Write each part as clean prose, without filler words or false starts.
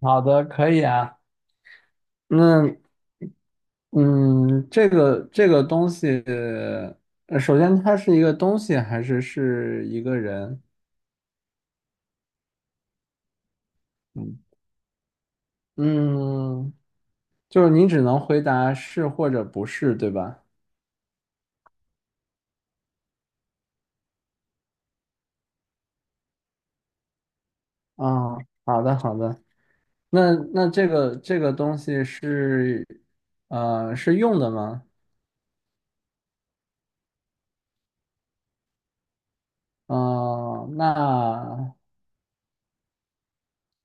好的，可以啊。那嗯，这个东西，首先它是一个东西还是是一个人？嗯嗯，就是你只能回答是或者不是，对吧？啊、好的好的。那这个东西是是用的吗？嗯、那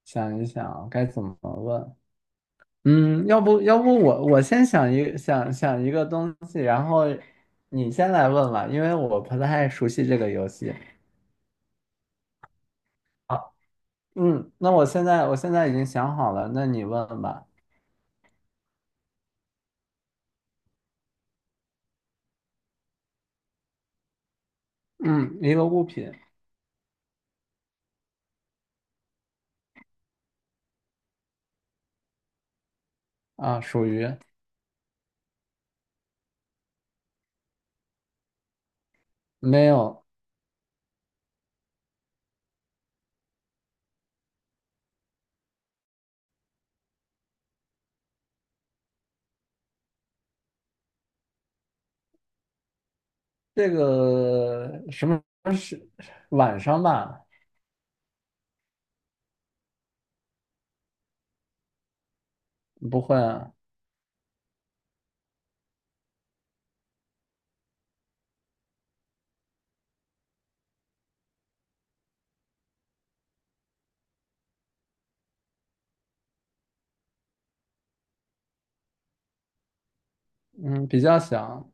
想一想该怎么问？嗯，要不我先想一想想一个东西，然后你先来问吧，因为我不太熟悉这个游戏。好，嗯，那我现在已经想好了，那你问吧。嗯，一个物品。啊，属于。没有。这个什么，是晚上吧？不会啊。嗯，比较小。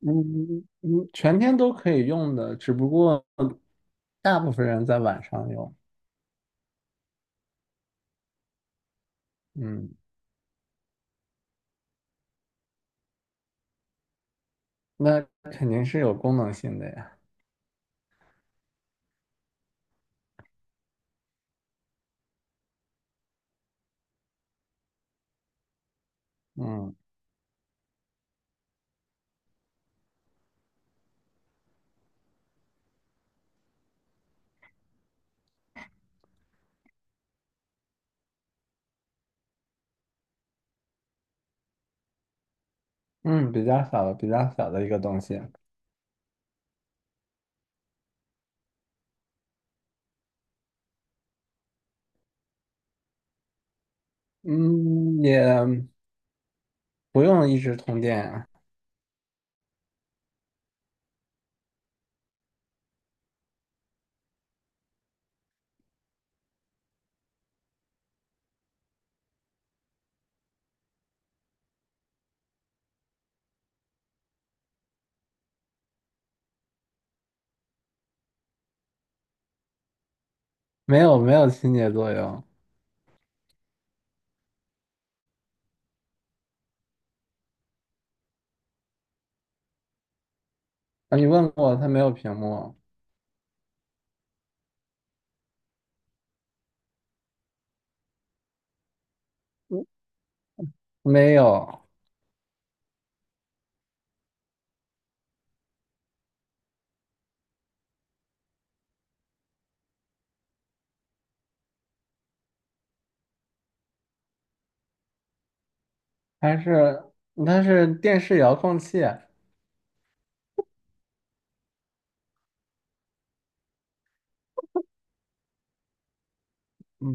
嗯嗯，全天都可以用的，只不过大部分人在晚上用。嗯，那肯定是有功能性的呀。嗯嗯，比较小的，比较小的一个东西。嗯，也不用一直通电啊。没有，没有清洁作用。啊。你问过它没有屏幕？嗯，没有。它是它是电视遥控器啊。嗯，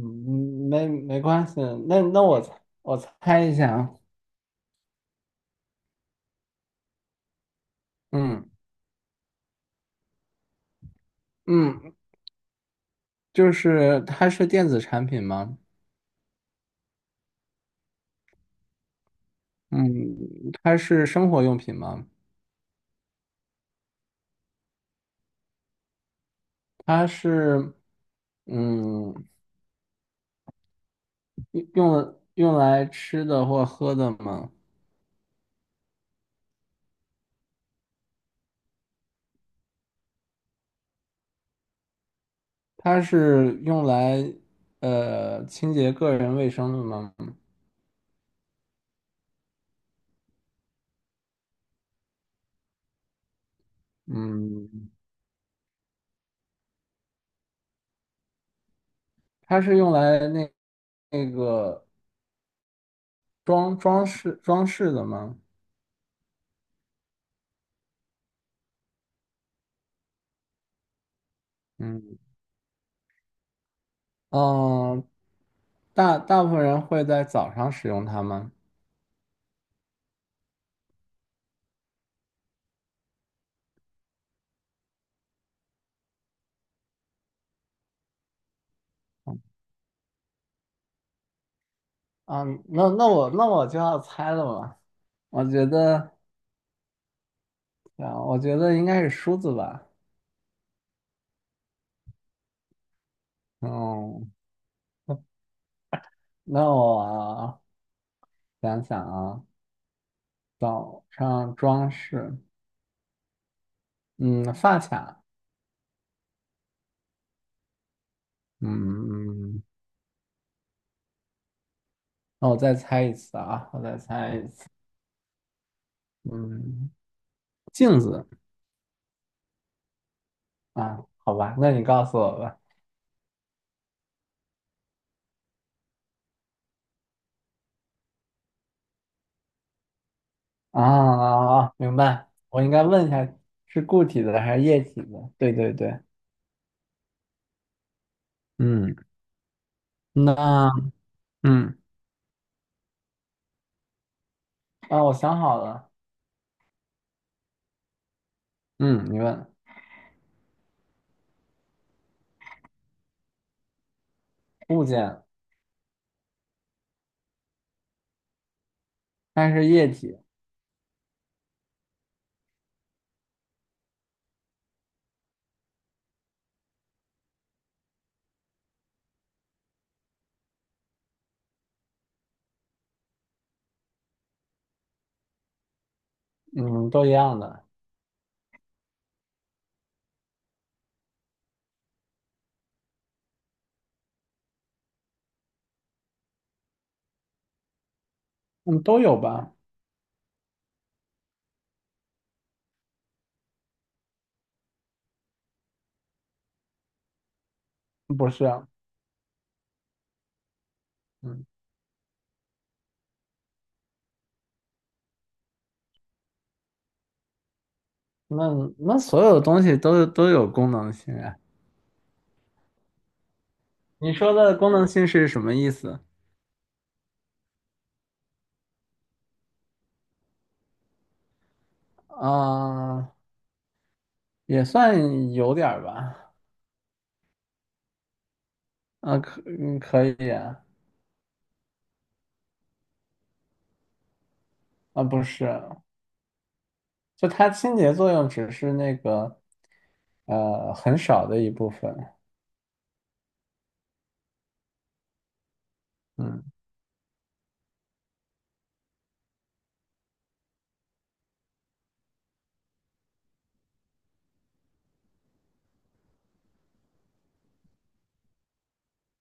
没没关系。那我猜一下啊。嗯，嗯，就是它是电子产品吗？嗯，它是生活用品吗？它是，嗯，用来吃的或喝的吗？它是用来清洁个人卫生的吗？嗯，它是用来那那个装饰的吗？嗯嗯，大大部分人会在早上使用它吗？啊，那我就要猜了吧。我觉得。啊，我觉得应该是梳子吧。嗯，那我想想啊。早上装饰，嗯，发卡，嗯，那我再猜一次啊，我再猜一次，嗯，镜子。啊，好吧，那你告诉我吧。啊啊啊！明白，我应该问一下是固体的还是液体的？对对对，嗯，那嗯啊，我想好了，嗯，你问。物件，但是液体。嗯，都一样的。嗯，都有吧？不是啊。嗯，那那所有东西都有功能性啊。你说的功能性是什么意思？啊、也算有点儿吧。啊，可以啊。啊，不是，就它清洁作用只是那个很少的一部分。嗯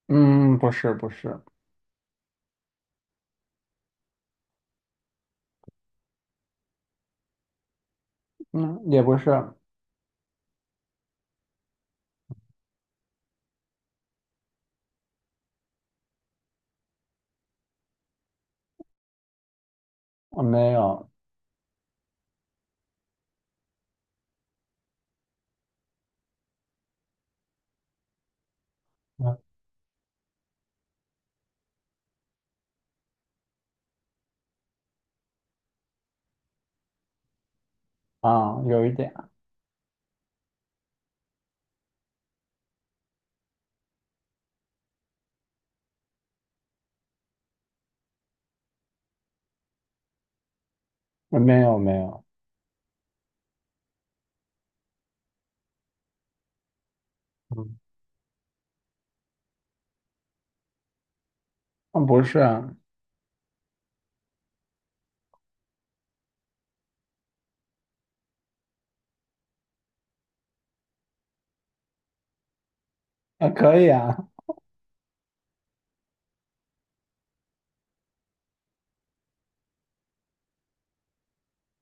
嗯，不是不是。嗯，也不是。我没有。嗯啊，有一点。没有没有。嗯，啊不是啊。啊可以啊。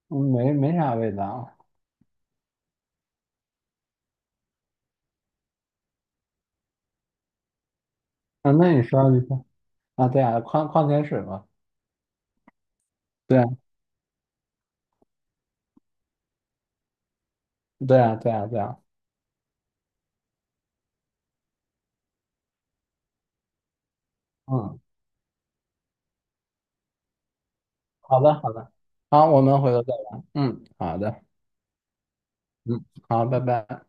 嗯，没没啥味道。啊，那你说你说。啊，对啊，矿矿泉水嘛。对啊对啊对啊对啊。嗯。好的，好的，好，我们回头再玩。嗯，好的，嗯，好，拜拜。